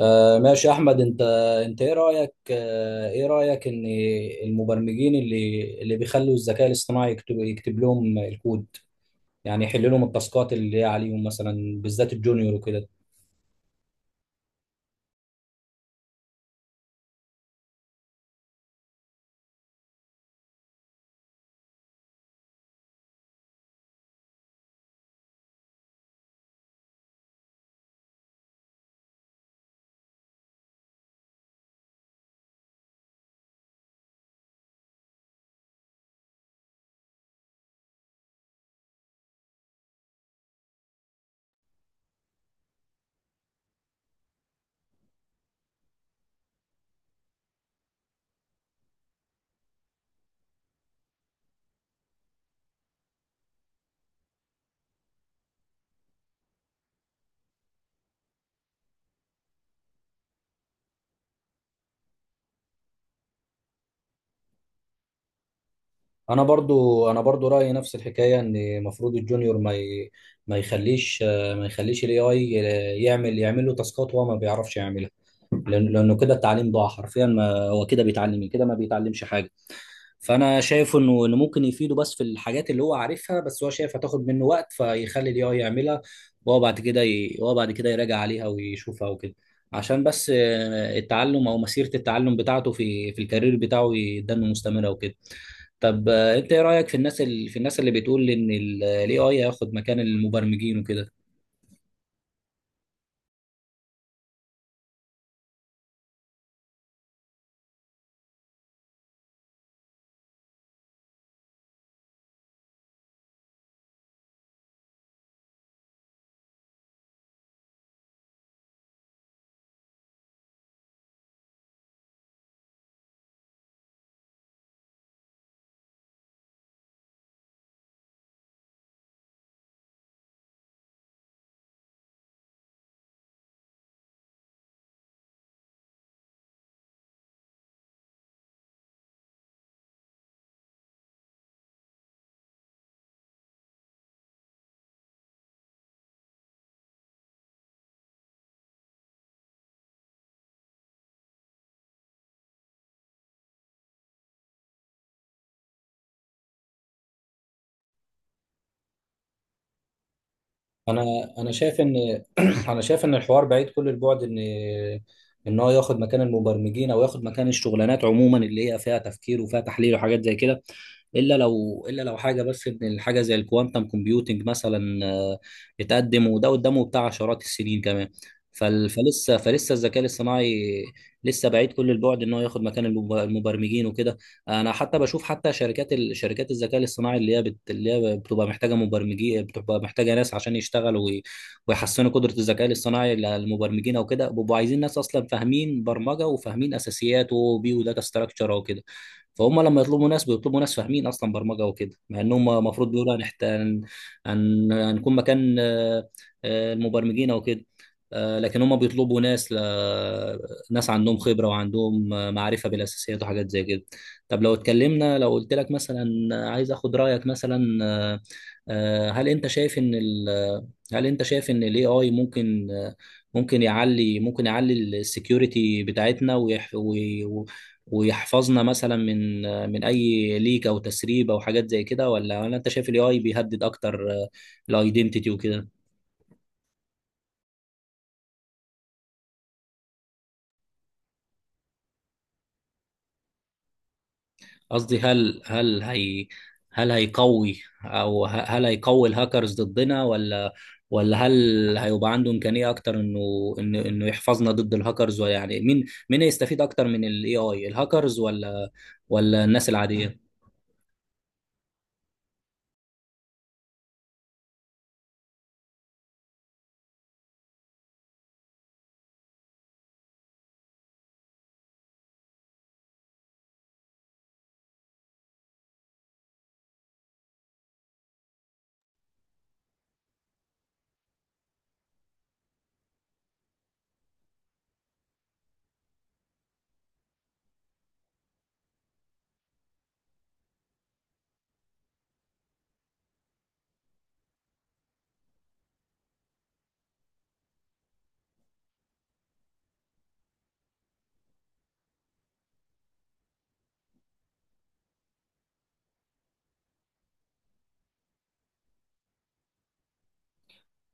ماشي يا احمد، انت ايه رايك؟ ايه رايك ان المبرمجين اللي بيخلوا الذكاء الاصطناعي يكتب لهم الكود، يعني يحل لهم التاسكات اللي هي عليهم مثلا، بالذات الجونيور وكده؟ انا برضو رايي نفس الحكايه، ان المفروض الجونيور ما يخليش الاي اي يعمل له تاسكات هو ما بيعرفش يعملها. لانه كده التعليم ضاع حرفيا، ما هو كده بيتعلم إيه؟ كده ما بيتعلمش حاجه. فانا شايف انه ممكن يفيده، بس في الحاجات اللي هو عارفها، بس هو شايف هتاخد منه وقت فيخلي الاي اي يعملها، وهو بعد كده يراجع عليها ويشوفها وكده، عشان بس التعلم او مسيره التعلم بتاعته في الكارير بتاعه يدن مستمره وكده. طب، انت ايه رايك في الناس اللي بتقول ان الاي اي هياخد مكان المبرمجين وكده؟ انا انا شايف ان انا شايف ان الحوار بعيد كل البعد ان ان هو ياخد مكان المبرمجين، او ياخد مكان الشغلانات عموما اللي هي فيها تفكير وفيها تحليل وحاجات زي كده، الا لو حاجه، بس ان الحاجه زي الكوانتم كومبيوتنج مثلا اتقدم، وده قدامه بتاع عشرات السنين كمان. فلسه الذكاء الاصطناعي لسه بعيد كل البعد ان هو ياخد مكان المبرمجين وكده. انا حتى بشوف، حتى شركات شركات الذكاء الاصطناعي اللي هي بتبقى محتاجه مبرمجين، بتبقى محتاجه ناس عشان يشتغلوا ويحسنوا قدره الذكاء الاصطناعي للمبرمجين، او كده بيبقوا عايزين ناس اصلا فاهمين برمجه وفاهمين اساسيات و بي وداتا ستراكشر او كده. فهم لما يطلبوا ناس، بيطلبوا ناس فاهمين اصلا برمجه وكده، مع انهم المفروض بيقولوا هنكون مكان المبرمجين او كده. لكن هم بيطلبوا ناس ناس عندهم خبره وعندهم معرفه بالاساسيات وحاجات زي كده. طب، لو اتكلمنا، لو قلت لك مثلا، عايز اخد رايك مثلا، آه، هل انت شايف ان ال هل انت شايف ان الاي اي ممكن، ممكن يعلي السكيورتي بتاعتنا، ويحفظنا مثلا من من اي ليك او تسريب او حاجات زي كده، ولا انت شايف الاي اي بيهدد اكتر الايدنتيتي وكده؟ قصدي، هل هيقوي، هل هيقوي الهاكرز ضدنا؟ ولا هل هيبقى عنده امكانيه اكتر انه يحفظنا ضد الهاكرز؟ ولا يعني مين هيستفيد اكتر من الاي اي، الهاكرز ولا الناس العاديه؟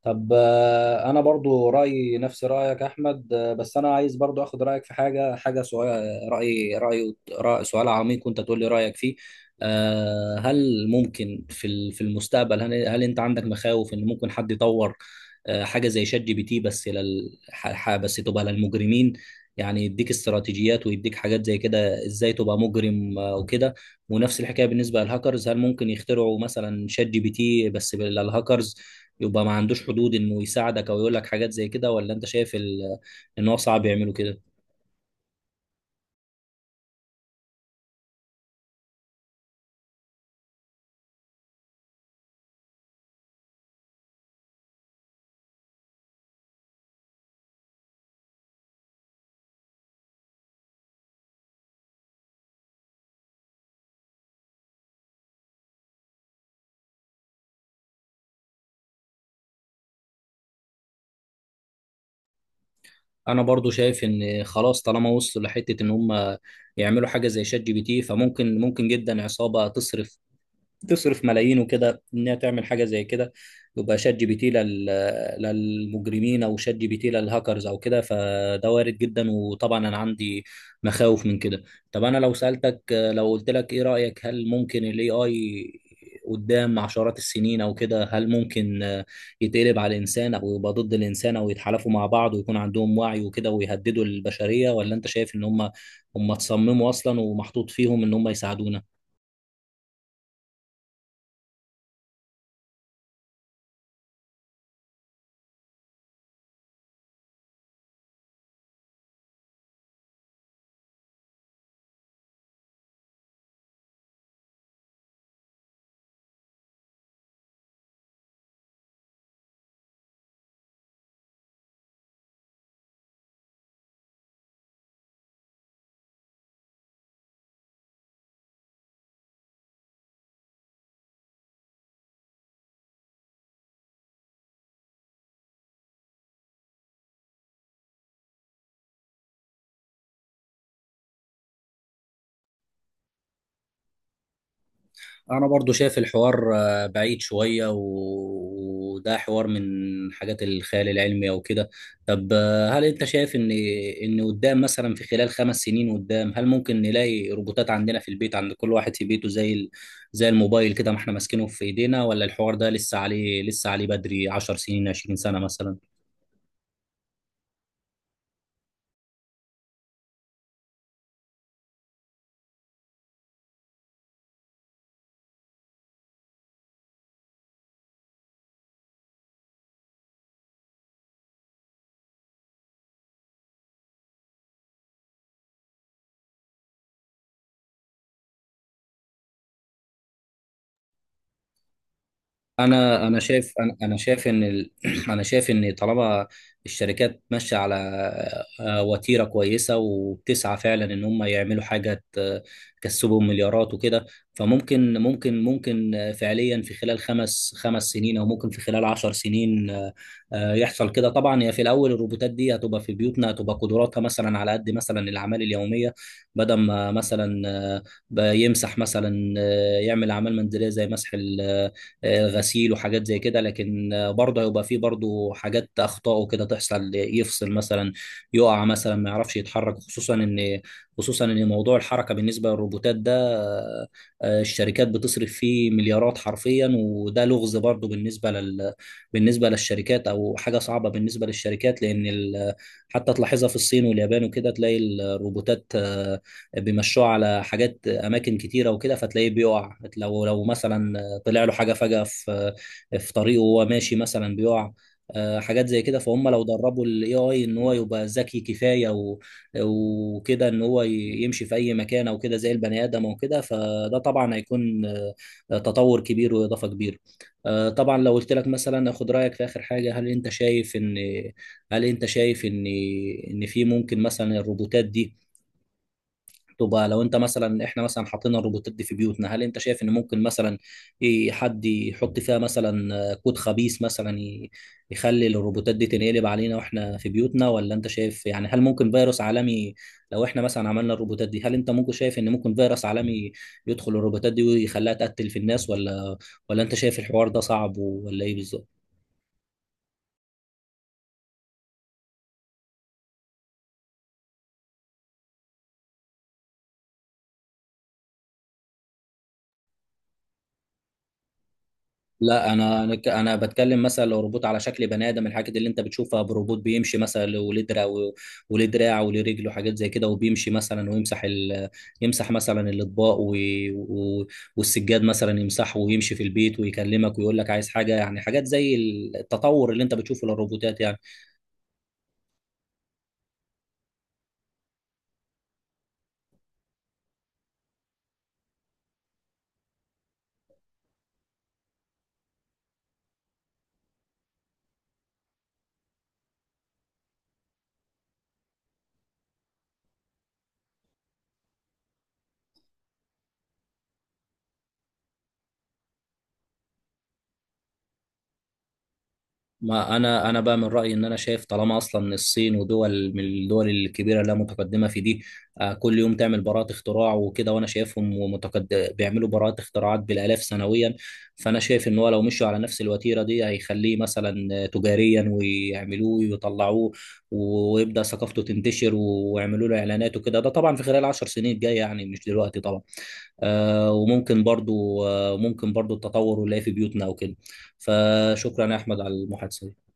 طب، انا برضو رايي نفس رايك احمد، بس انا عايز برضو اخد رايك في حاجه، سؤال، سؤال عميق، وانت تقول لي رايك فيه. هل ممكن في في المستقبل، هل انت عندك مخاوف ان ممكن حد يطور حاجه زي شات جي بي تي، بس لل ح- ح- بس تبقى للمجرمين، يعني يديك استراتيجيات ويديك حاجات زي كده ازاي تبقى مجرم، وكده. ونفس الحكايه بالنسبه للهاكرز، هل ممكن يخترعوا مثلا شات جي بي تي بس للهاكرز يبقى ما عندوش حدود انه يساعدك او يقول لك حاجات زي كده؟ ولا انت شايف ان هو صعب يعملوا كده؟ انا برضو شايف ان خلاص طالما وصلوا لحته ان هم يعملوا حاجه زي شات جي بي تي، ممكن جدا عصابه تصرف ملايين وكده انها تعمل حاجه زي كده. يبقى شات جي بي تي للمجرمين، او شات جي بي تي للهاكرز او كده، فده وارد جدا، وطبعا انا عندي مخاوف من كده. طب، انا لو سالتك لو قلت لك ايه رايك، هل ممكن الاي اي قدام عشرات السنين او كده، هل ممكن يتقلب على الانسان او يبقى ضد الانسان، او يتحالفوا مع بعض ويكون عندهم وعي وكده ويهددوا البشريه؟ ولا انت شايف ان هم تصمموا اصلا ومحطوط فيهم ان هم يساعدونا؟ انا برضو شايف الحوار بعيد شوية، وده حوار من حاجات الخيال العلمي او كده. طب، هل انت شايف ان قدام مثلا في خلال 5 سنين قدام، هل ممكن نلاقي روبوتات عندنا في البيت، عند كل واحد في بيته، زي الموبايل كده ما احنا ماسكينه في ايدينا؟ ولا الحوار ده لسه عليه بدري، 10 سنين 20 سنة مثلا؟ انا انا شايف انا أنا شايف ان ال... انا شايف ان طالما الشركات ماشيه على وتيره كويسه، وبتسعى فعلا ان هم يعملوا حاجه تكسبهم مليارات وكده. فممكن ممكن ممكن فعليا، في خلال خمس سنين، او ممكن في خلال 10 سنين، يحصل كده. طبعا هي في الاول الروبوتات دي هتبقى في بيوتنا، هتبقى قدراتها مثلا على قد مثلا الاعمال اليوميه، بدل ما مثلا بيمسح مثلا آه، يعمل اعمال منزليه زي مسح ال غسيل وحاجات زي كده. لكن برضه هيبقى فيه برضه حاجات اخطاء وكده تحصل، يفصل مثلا، يقع مثلا، ما يعرفش يتحرك، خصوصا ان موضوع الحركه بالنسبه للروبوتات ده، الشركات بتصرف فيه مليارات حرفيا، وده لغز برضه بالنسبه للشركات، او حاجه صعبه بالنسبه للشركات، لان حتى تلاحظها في الصين واليابان وكده، تلاقي الروبوتات، بيمشوها على حاجات اماكن كتيره وكده، فتلاقيه بيقع لو مثلا طلع له حاجه فجاه في طريقه وهو ماشي مثلا بيقع، حاجات زي كده. فهم لو دربوا الاي اي ان هو يبقى ذكي كفايه وكده ان هو يمشي في اي مكان او كده زي البني ادم او كده، فده طبعا هيكون تطور كبير واضافه كبيره. طبعا، لو قلت لك مثلا اخد رايك في اخر حاجه، هل انت شايف ان في ممكن مثلا الروبوتات دي تبقى، لو انت مثلا، احنا مثلا حاطين الروبوتات دي في بيوتنا، هل انت شايف ان ممكن مثلا ايه حد يحط فيها مثلا كود خبيث مثلا يخلي الروبوتات دي تنقلب علينا واحنا في بيوتنا؟ ولا انت شايف، يعني هل ممكن فيروس عالمي لو احنا مثلا عملنا الروبوتات دي، هل انت ممكن شايف ان ممكن فيروس عالمي يدخل الروبوتات دي ويخليها تقتل في الناس؟ ولا انت شايف الحوار ده صعب، ولا ايه بالظبط؟ لا، أنا بتكلم مثلا لو روبوت على شكل بني ادم، الحاجات اللي انت بتشوفها بروبوت بيمشي مثلا وليه دراع، وليه دراع وليه رجل وحاجات زي كده، وبيمشي مثلا ويمسح يمسح مثلا الاطباق و... والسجاد مثلا يمسحه، ويمشي في البيت ويكلمك ويقول لك عايز حاجه، يعني حاجات زي التطور اللي انت بتشوفه للروبوتات يعني. ما انا بقى من رايي ان انا شايف، طالما اصلا الصين ودول من الدول الكبيره اللي متقدمه في دي كل يوم تعمل براءات اختراع وكده، وانا شايفهم بيعملوا براءات اختراعات بالالاف سنويا. فانا شايف ان هو لو مشوا على نفس الوتيره دي، هيخليه مثلا تجاريا ويعملوه ويطلعوه، ويبدا ثقافته تنتشر، ويعملوا له اعلانات وكده، ده طبعا في خلال 10 سنين الجايه، يعني مش دلوقتي طبعا. وممكن برضو آه، ممكن برضو التطور اللي في بيوتنا وكده. فشكرا يا احمد على المحادثه دي.